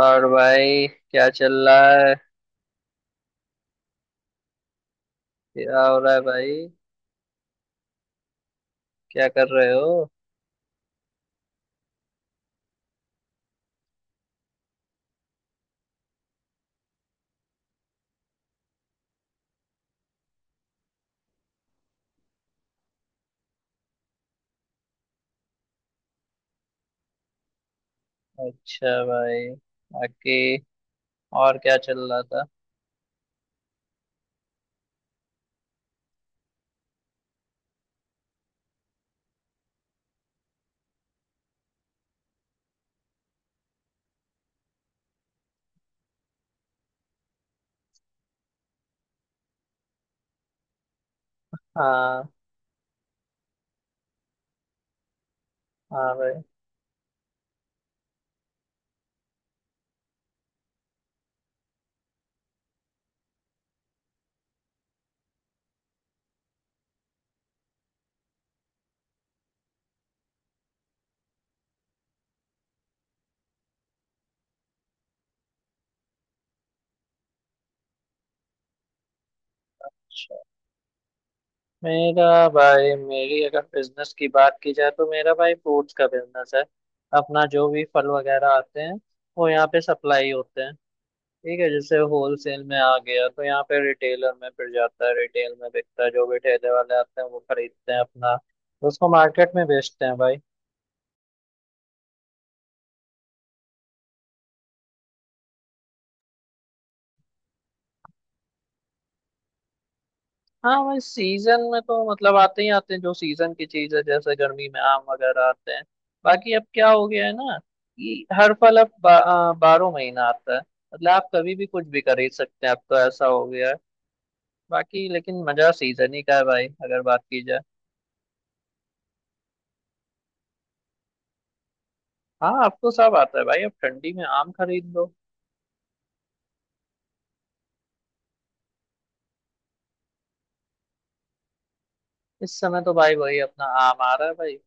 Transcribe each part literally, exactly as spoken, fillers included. और भाई, क्या चल रहा है? क्या हो रहा है भाई? क्या कर रहे हो? अच्छा भाई। बाकी और क्या चल रहा था? हाँ, हाँ भाई। अच्छा। मेरा भाई, मेरी अगर बिजनेस की बात की जाए तो मेरा भाई फ्रूट्स का बिजनेस है। अपना जो भी फल वगैरह आते हैं वो यहाँ पे सप्लाई होते हैं। ठीक है, जैसे होलसेल में आ गया तो यहाँ पे रिटेलर में फिर जाता है, रिटेल में बिकता है। जो भी ठेले वाले आते हैं वो खरीदते हैं अपना, तो उसको मार्केट में बेचते हैं भाई। हाँ भाई, सीजन में तो मतलब आते ही आते हैं, जो सीजन की चीज है जैसे गर्मी में आम वगैरह आते हैं। बाकी अब क्या हो गया है ना कि हर फल अब बा, आ, बारह महीना आता है। मतलब आप कभी भी कुछ भी खरीद सकते हैं, अब तो ऐसा हो गया है। बाकी लेकिन मजा सीजन ही का है भाई, अगर बात की जाए। हाँ, अब तो सब आता है भाई, अब ठंडी में आम खरीद लो। इस समय तो भाई वही अपना आम आ रहा है भाई।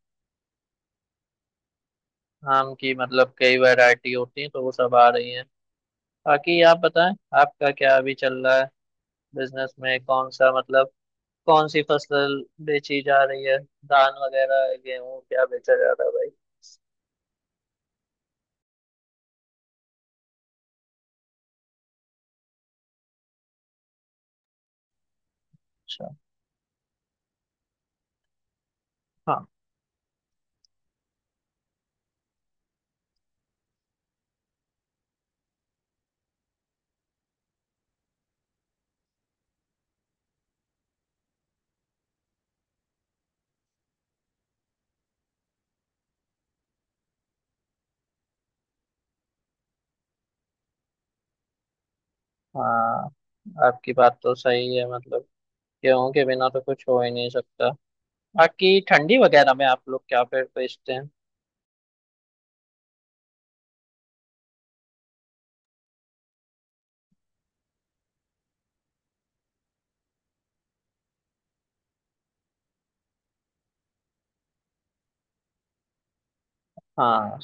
आम की मतलब कई वैरायटी होती है तो वो सब आ रही है। बाकी आप बताएं, आपका क्या अभी चल रहा है? बिजनेस में कौन सा, मतलब कौन सी फसल बेची जा रही है? धान वगैरह, गेहूं, क्या बेचा जा रहा है भाई? अच्छा। हाँ, हाँ आपकी बात तो सही है, मतलब गेहूं के बिना तो कुछ हो ही नहीं सकता। बाकी ठंडी वगैरह में आप लोग क्या फिर बेचते हैं? हाँ,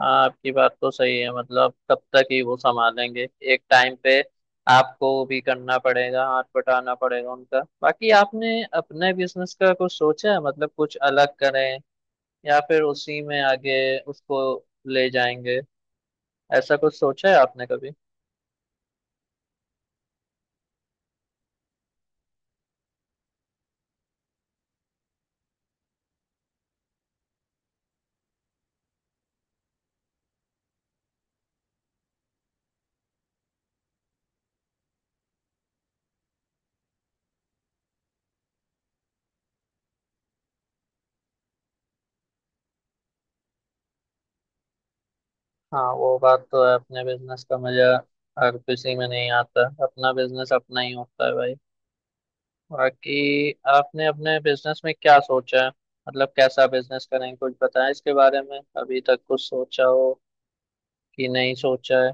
हाँ आपकी बात तो सही है, मतलब कब तक ही वो संभालेंगे? एक टाइम पे आपको भी करना पड़ेगा, हाथ बटाना पड़ेगा उनका। बाकी आपने अपने बिजनेस का कुछ सोचा है, मतलब कुछ अलग करें या फिर उसी में आगे उसको ले जाएंगे? ऐसा कुछ सोचा है आपने कभी? हाँ, वो बात तो है, अपने बिजनेस का मजा हर किसी में नहीं आता। अपना बिजनेस अपना ही होता है भाई। बाकी आपने अपने बिजनेस में क्या सोचा है? मतलब कैसा बिजनेस करेंगे, कुछ बताएं इसके बारे में, अभी तक कुछ सोचा हो कि नहीं सोचा है?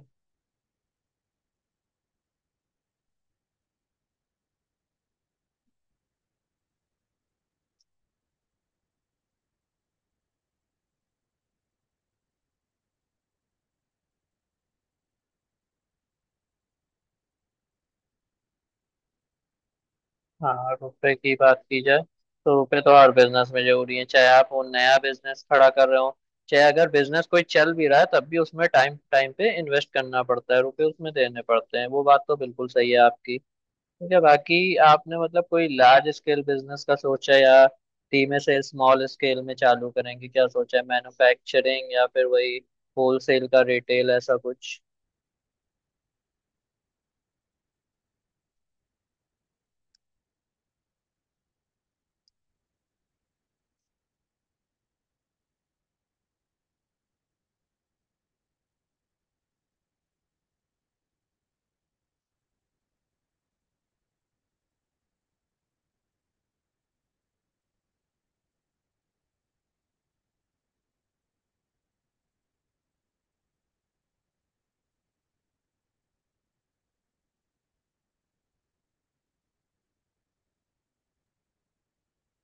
हाँ, रुपए की बात की जाए तो रुपए तो हर बिजनेस में जरूरी है, चाहे आप वो नया बिजनेस खड़ा कर रहे हो, चाहे अगर बिजनेस कोई चल भी रहा है तब भी उसमें टाइम टाइम पे इन्वेस्ट करना पड़ता है, रुपए उसमें देने पड़ते हैं। वो बात तो बिल्कुल सही है आपकी। ठीक है, बाकी आपने मतलब कोई लार्ज स्केल बिजनेस का सोचा या धीमे से स्मॉल स्केल में चालू करेंगे? क्या सोचा है, मैन्युफैक्चरिंग या फिर वही होलसेल का, रिटेल, ऐसा कुछ?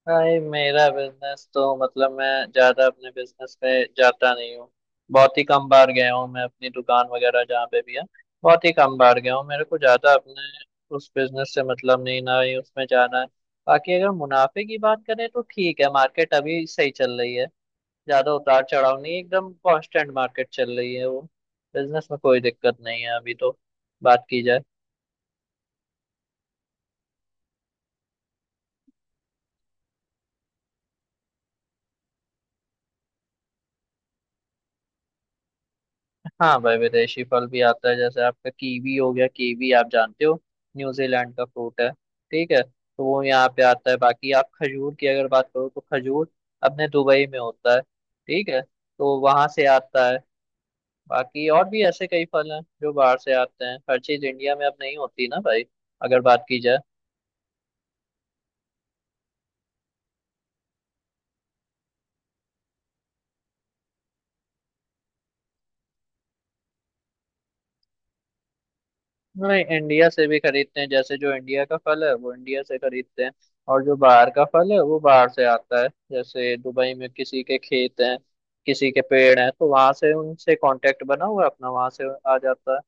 भाई मेरा बिजनेस तो, मतलब मैं ज्यादा अपने बिजनेस पे जाता नहीं हूँ। बहुत ही कम बार गया हूँ मैं अपनी दुकान वगैरह जहाँ पे भी है। बहुत ही कम बार गया हूँ, मेरे को ज्यादा अपने उस बिजनेस से मतलब नहीं, ना ही उसमें जाना है। बाकी अगर मुनाफे की बात करें तो ठीक है, मार्केट अभी सही चल रही है। ज्यादा उतार चढ़ाव नहीं, एकदम कांस्टेंट मार्केट चल रही है वो। बिजनेस में कोई दिक्कत नहीं है अभी तो, बात की जाए। हाँ भाई, विदेशी फल भी आता है, जैसे आपका कीवी हो गया। कीवी आप जानते हो, न्यूजीलैंड का फ्रूट है। ठीक है, तो वो यहाँ पे आता है। बाकी आप खजूर की अगर बात करो तो खजूर अपने दुबई में होता है। ठीक है, तो वहां से आता है। बाकी और भी ऐसे कई फल हैं जो बाहर से आते हैं, हर चीज इंडिया में अब नहीं होती ना भाई, अगर बात की जाए। नहीं, इंडिया से भी खरीदते हैं। जैसे जो इंडिया का फल है वो इंडिया से खरीदते हैं, और जो बाहर का फल है वो बाहर से आता है। जैसे दुबई में किसी के खेत हैं, किसी के पेड़ हैं, तो वहां से उनसे कांटेक्ट बना हुआ है अपना, वहां से आ जाता है।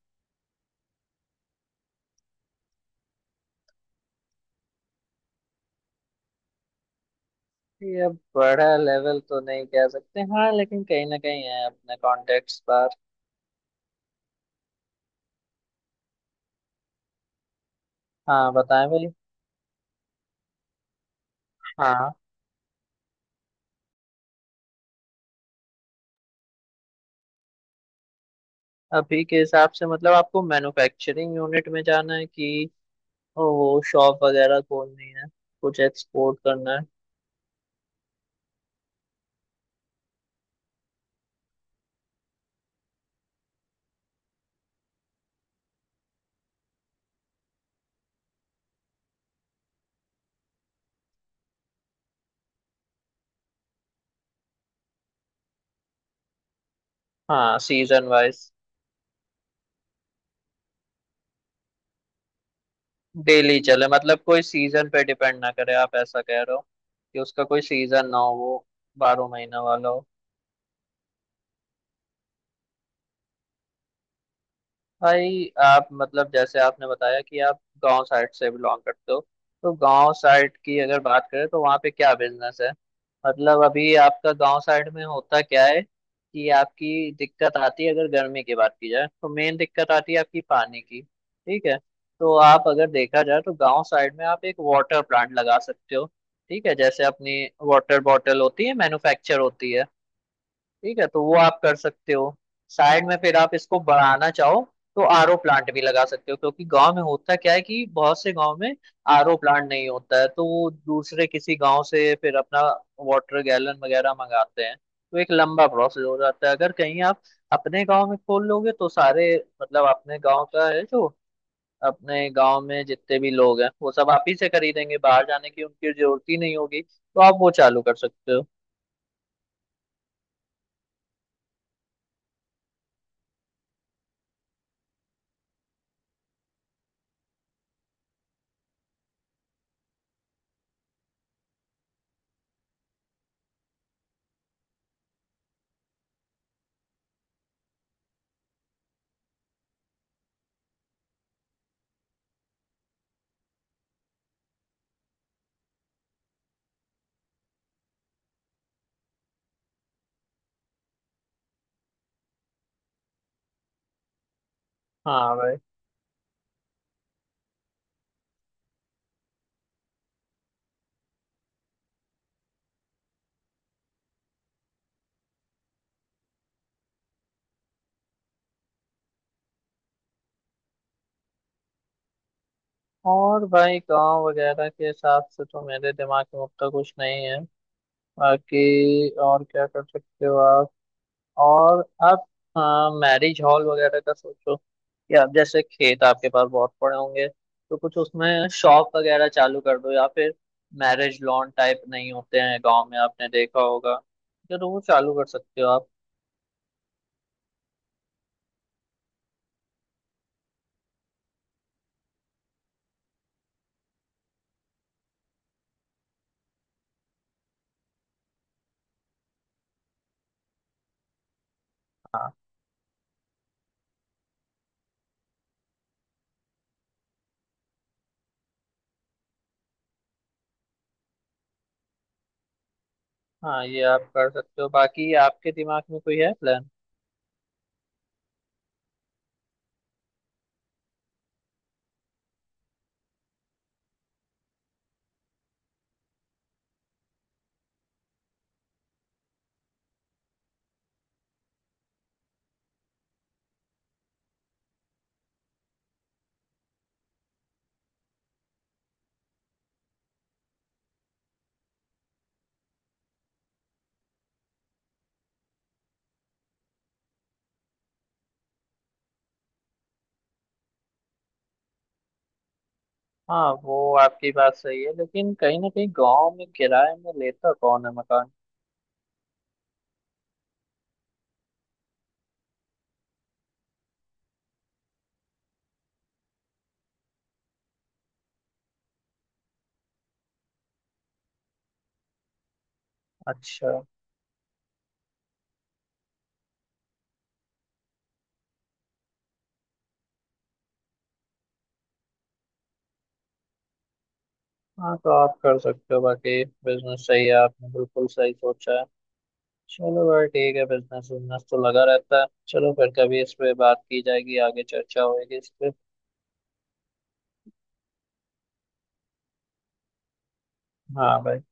ये बड़ा लेवल तो नहीं कह सकते हाँ, लेकिन कहीं ना कहीं है अपने कॉन्टेक्ट्स पर। हाँ बताएं भाई। हाँ, अभी के हिसाब से मतलब आपको मैन्युफैक्चरिंग यूनिट में जाना है कि वो शॉप वगैरह खोलनी है, कुछ एक्सपोर्ट करना है? हाँ सीजन वाइज। डेली चले, मतलब कोई सीजन पे डिपेंड ना करे, आप ऐसा कह रहे हो कि उसका कोई सीजन ना हो, वो बारह महीना वाला हो। भाई आप मतलब, जैसे आपने बताया कि आप गांव साइड से बिलोंग करते हो, तो गांव साइड की अगर बात करें तो वहाँ पे क्या बिजनेस है? मतलब अभी आपका गांव साइड में होता क्या है कि आपकी दिक्कत आती है, अगर गर्मी की बात की जाए तो मेन दिक्कत आती है आपकी पानी की, ठीक है। तो आप अगर देखा जाए तो गांव साइड में आप एक वाटर प्लांट लगा सकते हो। ठीक है, जैसे अपनी वाटर बॉटल होती है, मैन्युफैक्चर होती है। ठीक है, तो वो आप कर सकते हो। साइड में फिर आप इसको बढ़ाना चाहो तो आरओ प्लांट भी लगा सकते हो, क्योंकि गांव में होता क्या है कि बहुत से गांव में आरओ प्लांट नहीं होता है, तो वो दूसरे किसी गांव से फिर अपना वाटर गैलन वगैरह मंगाते हैं, तो एक लंबा प्रोसेस हो जाता है। अगर कहीं आप अपने गांव में खोल लोगे तो सारे, मतलब अपने गांव का है जो, अपने गांव में जितने भी लोग हैं वो सब आप ही से खरीदेंगे, बाहर जाने की उनकी जरूरत ही नहीं होगी, तो आप वो चालू कर सकते हो। हाँ। और भाई, गांव वगैरह के हिसाब से तो मेरे दिमाग में उतना कुछ नहीं है। बाकी और क्या कर सकते हो आप? और आप, हाँ, मैरिज हॉल वगैरह का सोचो कि आप, जैसे खेत आपके पास बहुत पड़े होंगे, तो कुछ उसमें शॉप वगैरह चालू कर दो या फिर मैरिज लॉन टाइप नहीं होते हैं गांव में, आपने देखा होगा। जरूर चालू कर सकते हो आप। हाँ। हाँ, ये आप कर सकते हो। बाकी आपके दिमाग में कोई है प्लान? हाँ, वो आपकी बात सही है, लेकिन कहीं ना कहीं गांव में किराए में लेता कौन है मकान? अच्छा। हाँ, तो आप कर सकते हो। बाकी बिजनेस सही है, आपने बिल्कुल सही सोचा है। चलो भाई, ठीक है, बिजनेस बिजनेस तो लगा रहता है। चलो फिर कभी इस पे बात की जाएगी, आगे चर्चा होगी इस पे। हाँ भाई।